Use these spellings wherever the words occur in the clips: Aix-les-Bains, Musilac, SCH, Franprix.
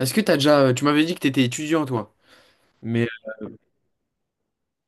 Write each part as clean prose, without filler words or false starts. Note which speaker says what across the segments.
Speaker 1: Est-ce que t'as déjà, tu m'avais dit que t'étais étudiant toi, mais,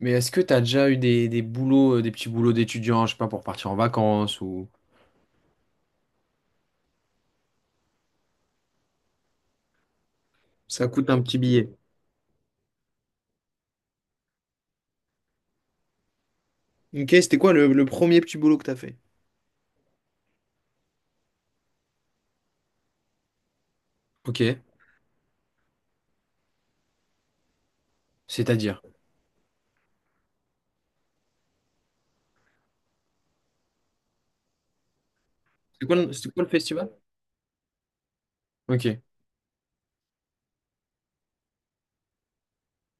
Speaker 1: mais est-ce que t'as déjà eu des boulots, des petits boulots d'étudiant, je sais pas, pour partir en vacances ou... Ça coûte un petit billet. Ok, c'était quoi le premier petit boulot que t'as fait? Ok, c'est-à-dire. C'était quoi, c'était quoi le festival? Ok,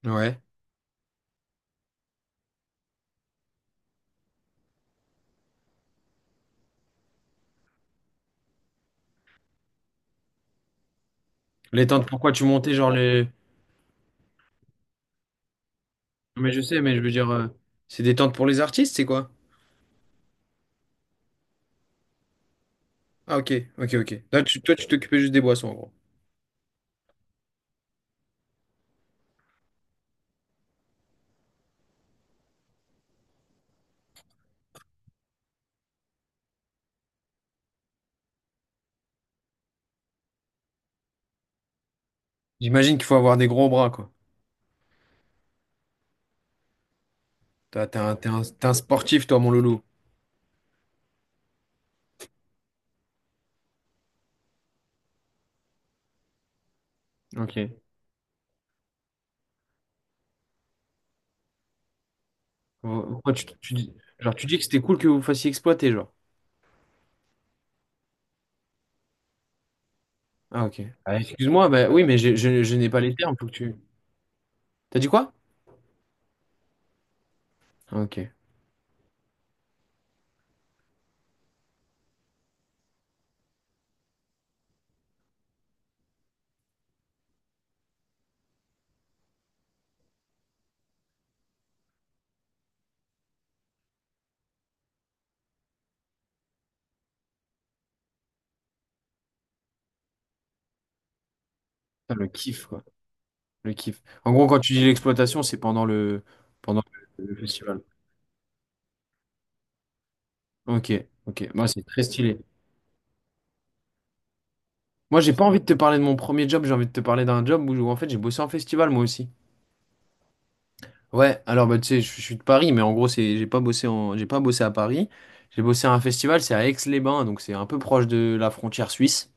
Speaker 1: ouais. Les tentes, pourquoi tu montais genre les... Non, mais je sais, mais je veux dire, c'est des tentes pour les artistes, c'est quoi? Ah ok, ok, ok. Là, toi, tu t'occupais juste des boissons en gros. J'imagine qu'il faut avoir des gros bras quoi. T'es un sportif toi, mon loulou. Ok. Pourquoi tu dis, genre, tu dis que c'était cool que vous fassiez exploiter, genre. Ah, ok. Ah, excuse-moi, bah oui, mais je n'ai pas les termes, faut que tu... T'as dit quoi? Ah, ok. Putain, le kiff, quoi. Le kiff. En gros, quand tu dis l'exploitation, c'est pendant le festival. Ok, ok. Moi, c'est très stylé. Moi, j'ai pas envie de te parler de mon premier job, j'ai envie de te parler d'un job où, en fait, j'ai bossé en festival, moi aussi. Ouais, alors, bah, tu sais, je suis de Paris, mais en gros, c'est, j'ai pas bossé à Paris. J'ai bossé à un festival, c'est à Aix-les-Bains, donc c'est un peu proche de la frontière suisse.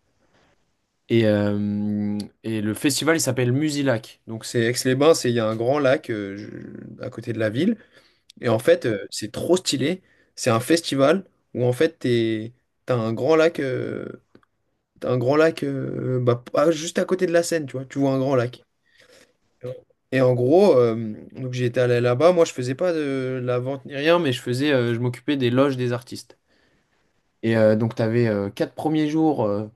Speaker 1: Et, euh, et le festival, il s'appelle Musilac. Donc, c'est Aix-les-Bains, c'est, il y a un grand lac à côté de la ville. Et en fait, c'est trop stylé. C'est un festival où, en fait, t'es, t'as un grand lac, bah, pas juste à côté de la Seine, tu vois. Tu vois un grand lac. Et en gros, donc j'ai été allé là-bas. Moi, je faisais pas de la vente ni rien, mais je faisais, je m'occupais des loges des artistes. Et donc, tu avais 4 premiers jours. euh,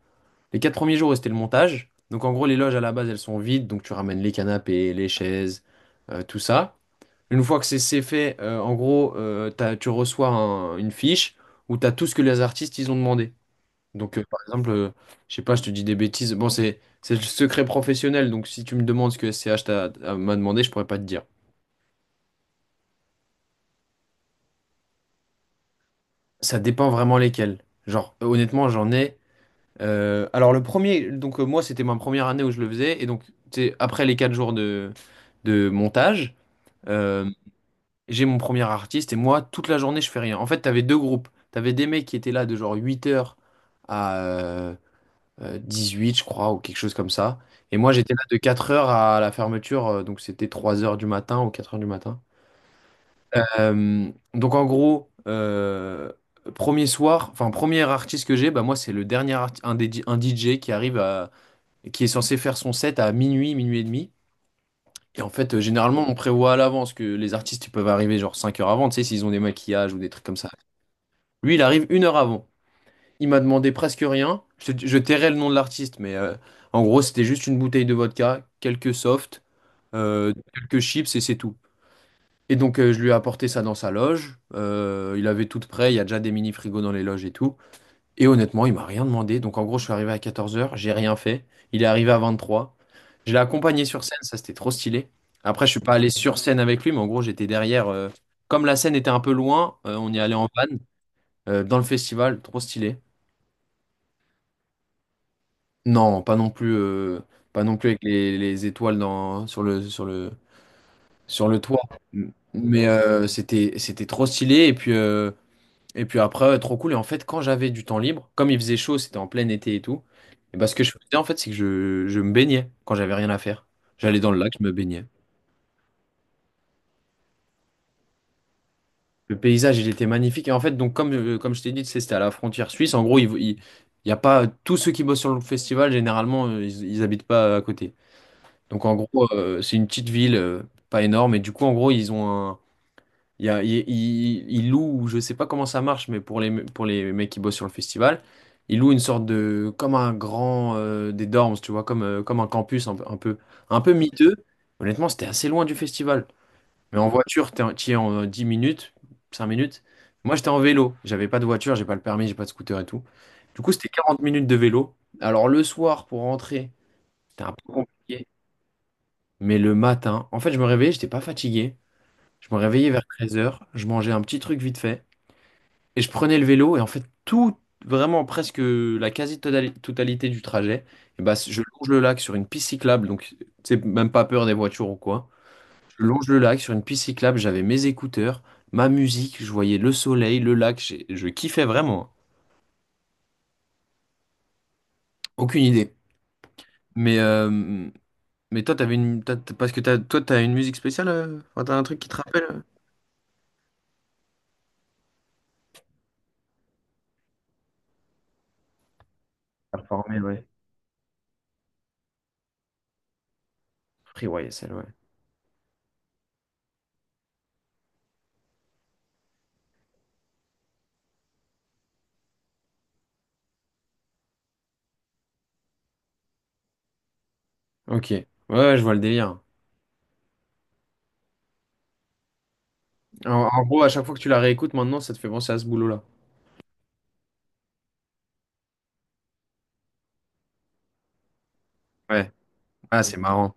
Speaker 1: les 4 premiers jours, c'était le montage. Donc en gros, les loges à la base, elles sont vides, donc tu ramènes les canapés, les chaises, tout ça. Une fois que c'est fait, en gros, tu reçois une fiche où tu as tout ce que les artistes, ils ont demandé. Donc par exemple, je sais pas, je te dis des bêtises. Bon, c'est le secret professionnel, donc si tu me demandes ce que SCH m'a demandé, je pourrais pas te dire. Ça dépend vraiment lesquels. Genre, honnêtement, j'en ai. Alors le premier, donc moi c'était ma première année où je le faisais et donc tu sais, après les 4 jours de montage, euh, j'ai mon premier artiste et moi toute la journée je fais rien. En fait t'avais deux groupes, t'avais des mecs qui étaient là de genre 8 heures à 18 je crois ou quelque chose comme ça, et moi j'étais là de 4 heures à la fermeture, donc c'était 3 heures du matin ou 4 heures du matin. Donc en gros, premier soir, enfin premier artiste que j'ai, bah moi c'est le dernier un DJ qui arrive à qui est censé faire son set à minuit, minuit et demi. Et en fait, généralement, on prévoit à l'avance que les artistes ils peuvent arriver genre 5 heures avant, tu sais, s'ils ont des maquillages ou des trucs comme ça. Lui, il arrive 1 heure avant. Il m'a demandé presque rien. Je tairai le nom de l'artiste, mais en gros, c'était juste une bouteille de vodka, quelques softs, quelques chips et c'est tout. Et donc, je lui ai apporté ça dans sa loge. Il avait tout prêt, il y a déjà des mini-frigos dans les loges et tout. Et honnêtement, il m'a rien demandé. Donc en gros, je suis arrivé à 14 heures, j'ai rien fait. Il est arrivé à 23. Je l'ai accompagné sur scène, ça c'était trop stylé. Après, je suis pas allé sur scène avec lui, mais en gros, j'étais derrière. Comme la scène était un peu loin, on y allait en van dans le festival, trop stylé. Non, pas non plus, pas non plus avec les étoiles dans, sur le toit. Mais c'était, c'était trop stylé. Et puis, et puis après, trop cool. Et en fait, quand j'avais du temps libre, comme il faisait chaud, c'était en plein été et tout, et bah, ce que je faisais en fait, c'est que je me baignais quand j'avais rien à faire. J'allais dans le lac, je me baignais. Le paysage, il était magnifique. Et en fait, donc comme, comme je t'ai dit, tu sais, c'était à la frontière suisse. En gros, il y a pas tous ceux qui bossent sur le festival, généralement, ils habitent pas à côté. Donc en gros, c'est une petite ville, pas énorme. Et du coup, en gros, ils ont. Il, y a- il- Il loue, je sais pas comment ça marche, mais pour les, me- pour les mecs qui bossent sur le festival, il loue une sorte de, comme un grand, des dorms, tu vois, comme, comme un campus un, peu, un peu un peu miteux. Honnêtement, c'était assez loin du festival. Mais en voiture, t'y es en 10 minutes, 5 minutes. Moi, j'étais en vélo. J'avais pas de voiture, j'ai pas le permis, j'ai pas de scooter et tout. Du coup, c'était 40 minutes de vélo. Alors, le soir, pour rentrer, c'était un peu compliqué. Mais le matin, en fait, je me réveillais, j'étais pas fatigué. Je me réveillais vers 13 heures, je mangeais un petit truc vite fait. Et je prenais le vélo et en fait tout, vraiment presque la quasi-totalité du trajet, et bah, je longe le lac sur une piste cyclable, donc c'est même pas peur des voitures ou quoi. Je longe le lac sur une piste cyclable, j'avais mes écouteurs, ma musique, je voyais le soleil, le lac, je kiffais vraiment. Aucune idée. Mais, euh, mais toi, t'avais une, parce que t'as, toi, t'as une musique spéciale, enfin, t'as un truc qui te rappelle? Performer, ouais. Free celle ouais. Ok. Ouais, ouais, je vois le délire. En gros, à chaque fois que tu la réécoutes maintenant, ça te fait penser à ce boulot-là. Ouais. Ah, c'est marrant.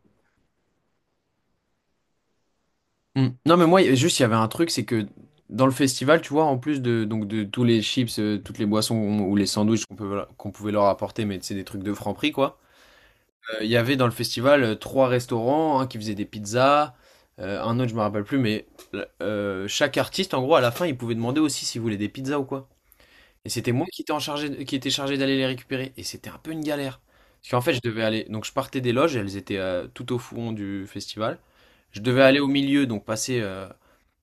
Speaker 1: Hmm. Non, mais moi, juste, il y avait un truc, c'est que dans le festival, tu vois, en plus de, donc, de tous les chips, toutes les boissons ou les sandwichs qu'on peut, qu'on pouvait leur apporter, mais c'est des trucs de Franprix, quoi. Il y avait dans le festival trois restaurants, un qui faisait des pizzas, un autre, je me rappelle plus, mais chaque artiste, en gros, à la fin, il pouvait demander aussi s'il voulait des pizzas ou quoi. Et c'était moi qui étais en chargé de- qui était chargé d'aller les récupérer. Et c'était un peu une galère. Parce qu'en fait, je devais aller. Donc, je partais des loges, elles étaient tout au fond du festival. Je devais aller au milieu, donc passer. euh,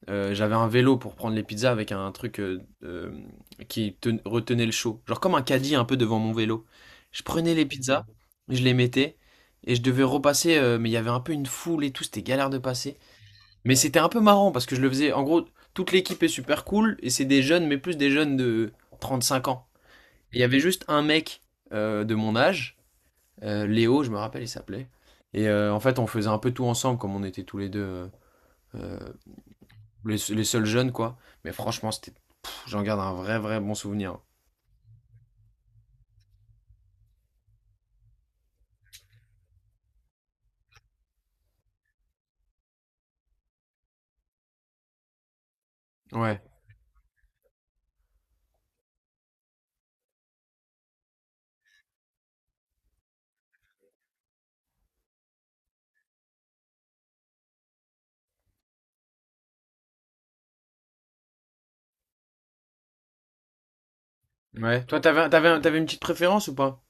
Speaker 1: euh, J'avais un vélo pour prendre les pizzas avec un truc retenait le chaud. Genre comme un caddie un peu devant mon vélo. Je prenais les pizzas, je les mettais, et je devais repasser. Mais il y avait un peu une foule et tout, c'était galère de passer. Mais c'était un peu marrant parce que je le faisais. En gros, toute l'équipe est super cool, et c'est des jeunes, mais plus des jeunes de 35 ans. Il y avait juste un mec de mon âge, Léo, je me rappelle, il s'appelait. Et en fait, on faisait un peu tout ensemble, comme on était tous les deux euh, les seuls jeunes, quoi. Mais franchement, c'était, pff, j'en garde un vrai, vrai bon souvenir. Ouais, ouais. Toi, t'avais une petite préférence ou pas?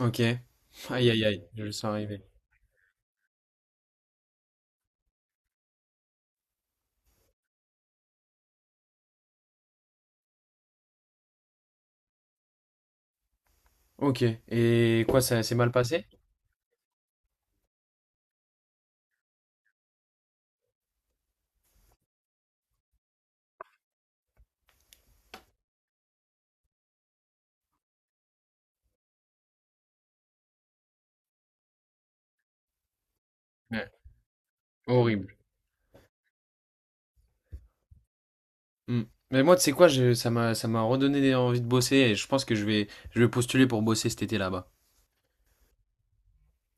Speaker 1: Ok. Aïe, aïe, aïe, je le sens arriver. Ok. Et quoi, ça s'est mal passé? Ouais. Horrible. Hmm. Mais moi, tu sais quoi, ça m'a redonné envie de bosser et je pense que je vais postuler pour bosser cet été là-bas.